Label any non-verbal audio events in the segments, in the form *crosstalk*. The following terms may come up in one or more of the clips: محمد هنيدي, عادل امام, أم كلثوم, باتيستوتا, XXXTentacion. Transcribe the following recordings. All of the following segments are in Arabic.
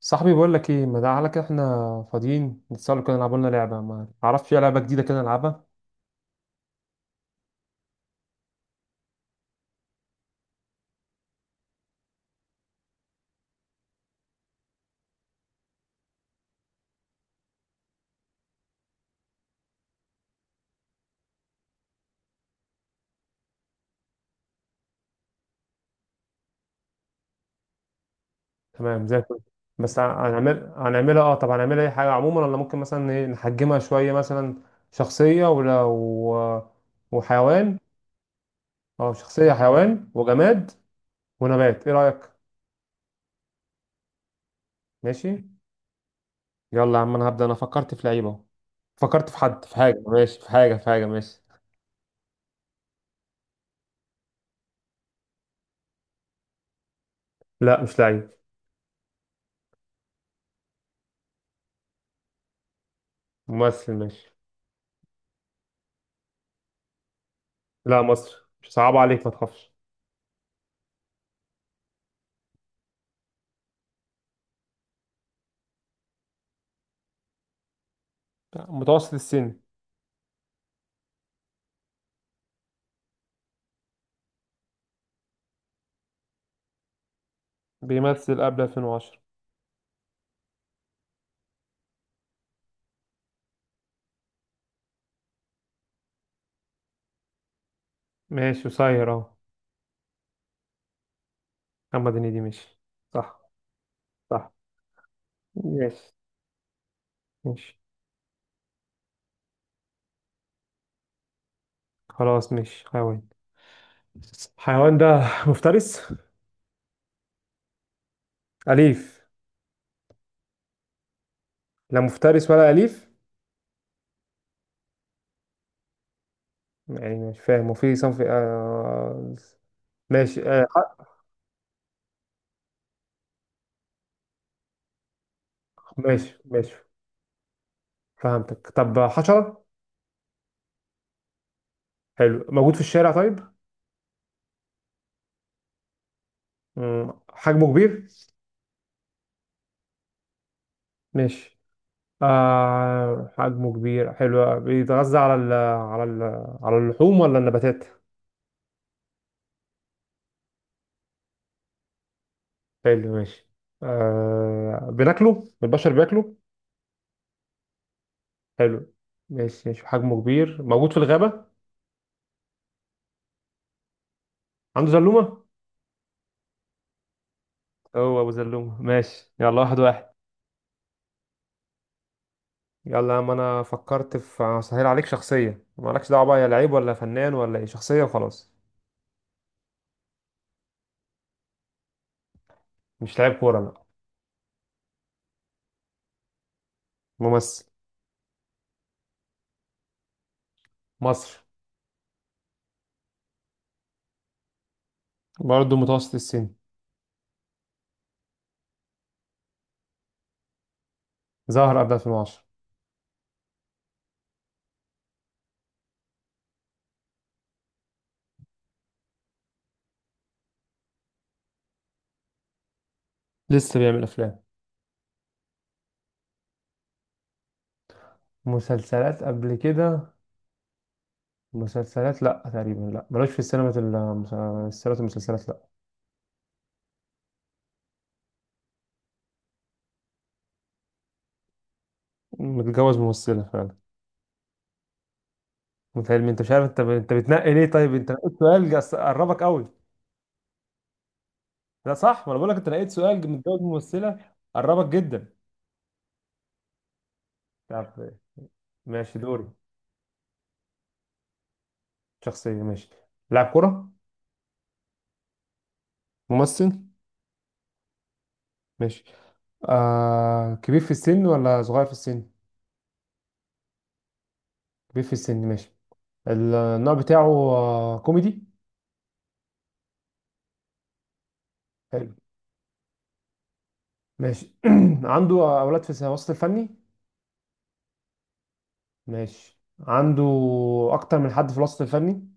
صاحبي بقول لك ايه، ما تعالى كده. احنا فاضيين نتسأل كده، نلعب لنا لعبه. ما تعرفش اي لعبه جديده كده نلعبها؟ تمام زي الفل. بس هنعملها طب هنعملها اي حاجه عموما، ولا ممكن مثلا ايه نحجمها شويه؟ مثلا شخصيه، ولا وحيوان. اه، شخصيه، حيوان، وجماد، ونبات، ايه رايك؟ ماشي. يلا يا عم، انا هبدا. انا فكرت في لعيب اهو. فكرت في حد، في حاجه، ماشي، في حاجه ماشي. لا مش لعيب. ممثل ماشي. لا مصر، مش صعب عليك ما تخافش. متوسط السن. بيمثل قبل 2010. ماشي قصير اهو. محمد هنيدي ماشي. صح. صح. ماشي ماشي. خلاص ماشي حيوان. حيوان ده مفترس؟ أليف؟ لا مفترس ولا أليف؟ يعني مش فاهم. وفي صنف ماشي. ماشي ماشي. فهمتك. طب حشرة؟ حلو. موجود في الشارع طيب؟ حجمه كبير؟ ماشي. حجمه كبير حلو. بيتغذى على ال... على اللحوم ولا النباتات؟ حلو ماشي. آه، بناكله البشر؟ بياكله. حلو. ماشي ماشي. حجمه كبير، موجود في الغابة، عنده زلومة. هو أبو زلومة. ماشي يلا، واحد واحد. يلا يا عم، أنا فكرت في، هسهل عليك، شخصية. مالكش دعوة بقى يا لعيب ولا فنان ولا إيه، شخصية وخلاص. مش لعيب كورة لا. ممثل. مصري. برضه متوسط السن. ظهر قبل 2010. لسه بيعمل أفلام. مسلسلات قبل كده، مسلسلات لا تقريبا، لا ملوش في السينما. السينما المسلسلات لا. متجوز ممثلة فعلا. متهيألي انت مش عارف. انت بتنقي ليه؟ طيب انت نقيت سؤال قربك قوي. لا صح، ما انا بقول لك، انت نقيت سؤال متجوز ممثله، قربك جدا. طب ماشي، دوري. شخصيه ماشي. لاعب كره؟ ممثل ماشي. آه، كبير في السن ولا صغير في السن؟ كبير في السن ماشي. النوع بتاعه آه كوميدي؟ حلو ماشي. *clears throat* عنده اولاد في الوسط الفني؟ ماشي. عنده اكتر من حد في الوسط الفني،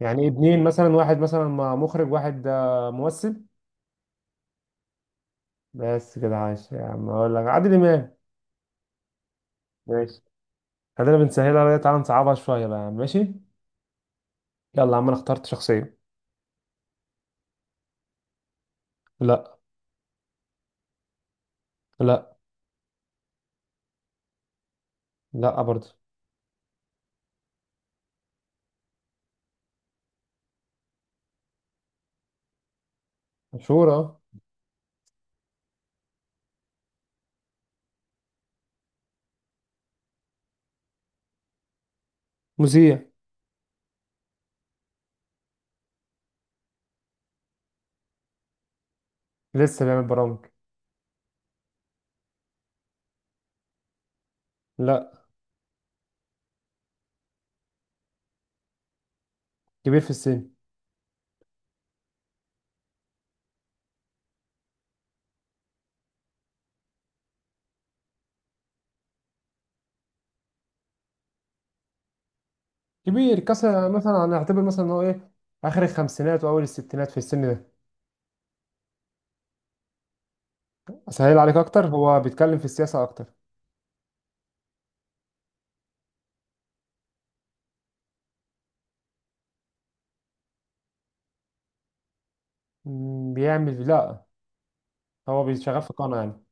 يعني ابنين مثلا، واحد مثلا مخرج، واحد آه ممثل. بس كده، عايش يا عم، اقول لك عادل امام. ماشي. خلينا بنسهلها عليها، تعالى نصعبها شويه بقى يا عم. ماشي. يلا يا عم انا اخترت شخصيه. لا. لا. لا برضه. مشهور اه. مذيع. لسه بيعمل برامج. لا. كبير في السن. كبير كسر، مثلا هنعتبر مثلا ان هو ايه، اخر الخمسينات واول الستينات في السن ده. اسهل عليك اكتر، هو بيتكلم في السياسه اكتر. بيعمل لا. هو بيشتغل في قناه يعني.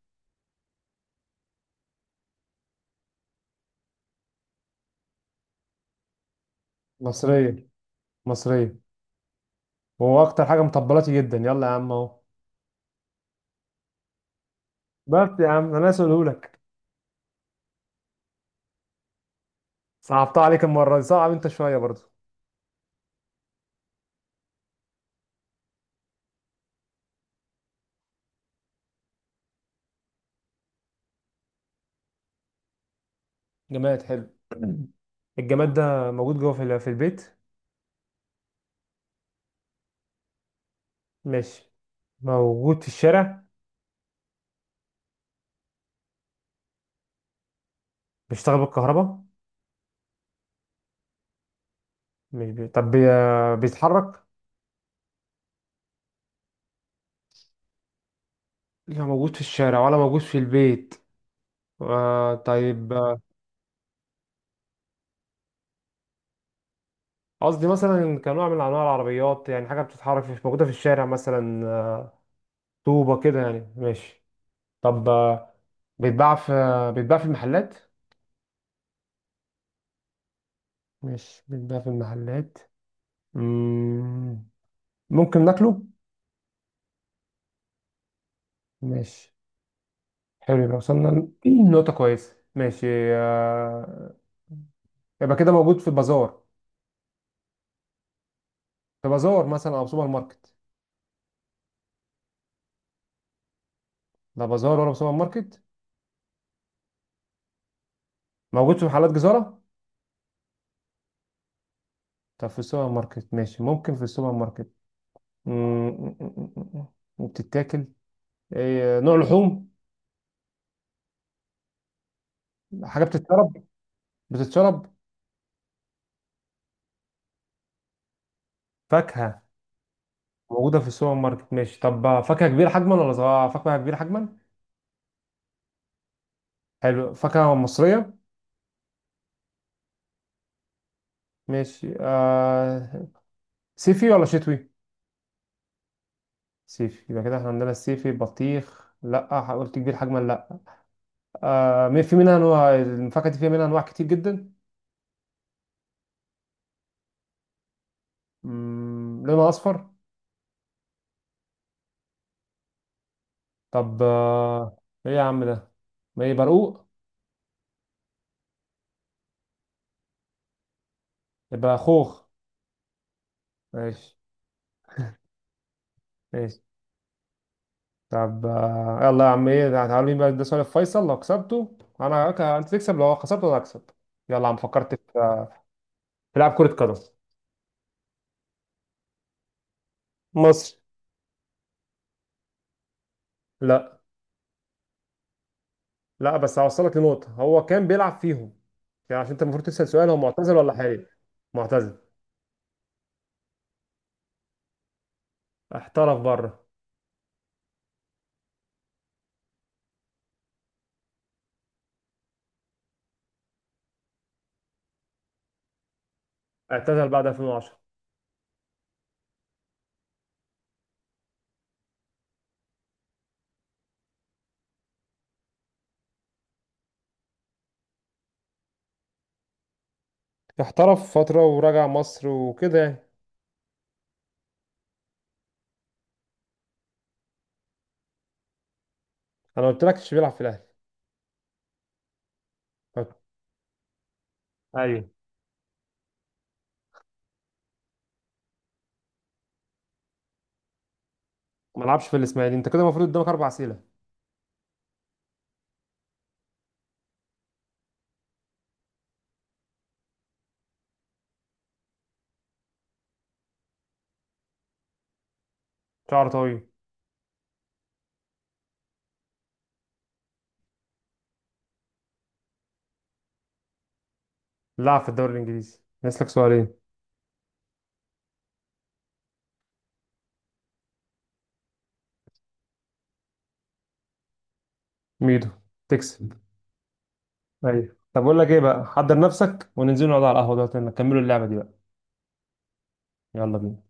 مصريه. مصريه. وهو اكتر حاجه مطبلاتي جدا. يلا يا عم اهو. بس يا عم انا اسالهولك. صعبتها عليك المرة دي، صعب انت شوية برضو. جماد حلو. *clears throat* الجماد ده موجود جوه في البيت؟ ماشي. موجود في الشارع؟ بيشتغل بالكهرباء؟ مش بي... طب بي... بيتحرك؟ لا موجود في الشارع ولا موجود في البيت. آه طيب، آه، قصدي مثلا كنوع من انواع العربيات، يعني حاجة بتتحرك، مش موجودة في الشارع مثلا. آه، طوبة كده يعني؟ ماشي. طب آه، بيتباع في المحلات؟ مش بيتباع في المحلات. مم، ممكن ناكله؟ ماشي حلو، يبقى وصلنا دي نقطة كويسة. ماشي. آه، يبقى كده موجود في بازار؟ في بازار مثلا أو سوبر ماركت. لا بازار ولا سوبر ماركت؟ موجود في محلات جزارة؟ طب في السوبر ماركت ماشي، ممكن في السوبر ماركت. م- م- م- م- بتتاكل. إيه، نوع لحوم؟ حاجة بتتشرب؟ بتتشرب؟ فاكهة. موجودة في السوبر ماركت ماشي. طب فاكهة كبيرة حجما ولا صغيرة؟ فاكهة كبيرة حجما. حلو. فاكهة مصرية. ماشي صيفي ولا شتوي؟ سيفي. يبقى كده احنا عندنا السيفي بطيخ، لا قلت كبير حجما لا. آه، في منها انواع، الفاكهه دي فيها منها انواع كتير جدا. لونها اصفر؟ طب آه، ايه يا عم ده؟ ما ايه، برقوق؟ يبقى خوخ. ماشي. ماشي. طب آه، يلا يا عم، ايه تعالوا مين بقى ده، سؤال فيصل، لو كسبته انا انت تكسب، لو خسرته انا هكسب. يلا يا عم، فكرت في آه، في لعب كره قدم. مصر. لا. لا بس هوصلك لنقطة، هو كان بيلعب فيهم. يعني عشان انت المفروض تسأل سؤال هو معتزل ولا حالي. معتزل. احترف بره. اعتزل بعد 2010. احترف فترة ورجع مصر وكده يعني. انا قلت لك مش بيلعب في الاهلي. ايوه. ما لعبش في الاسماعيلي. انت كده المفروض قدامك اربع اسئله. شعر طويل. لعب في الدوري الانجليزي. نسلك سؤالين. ميدو. تكسب. ايوه. طب اقول لك ايه بقى، حضر نفسك وننزل نقعد على القهوه دلوقتي نكملوا اللعبه دي بقى. يلا بينا.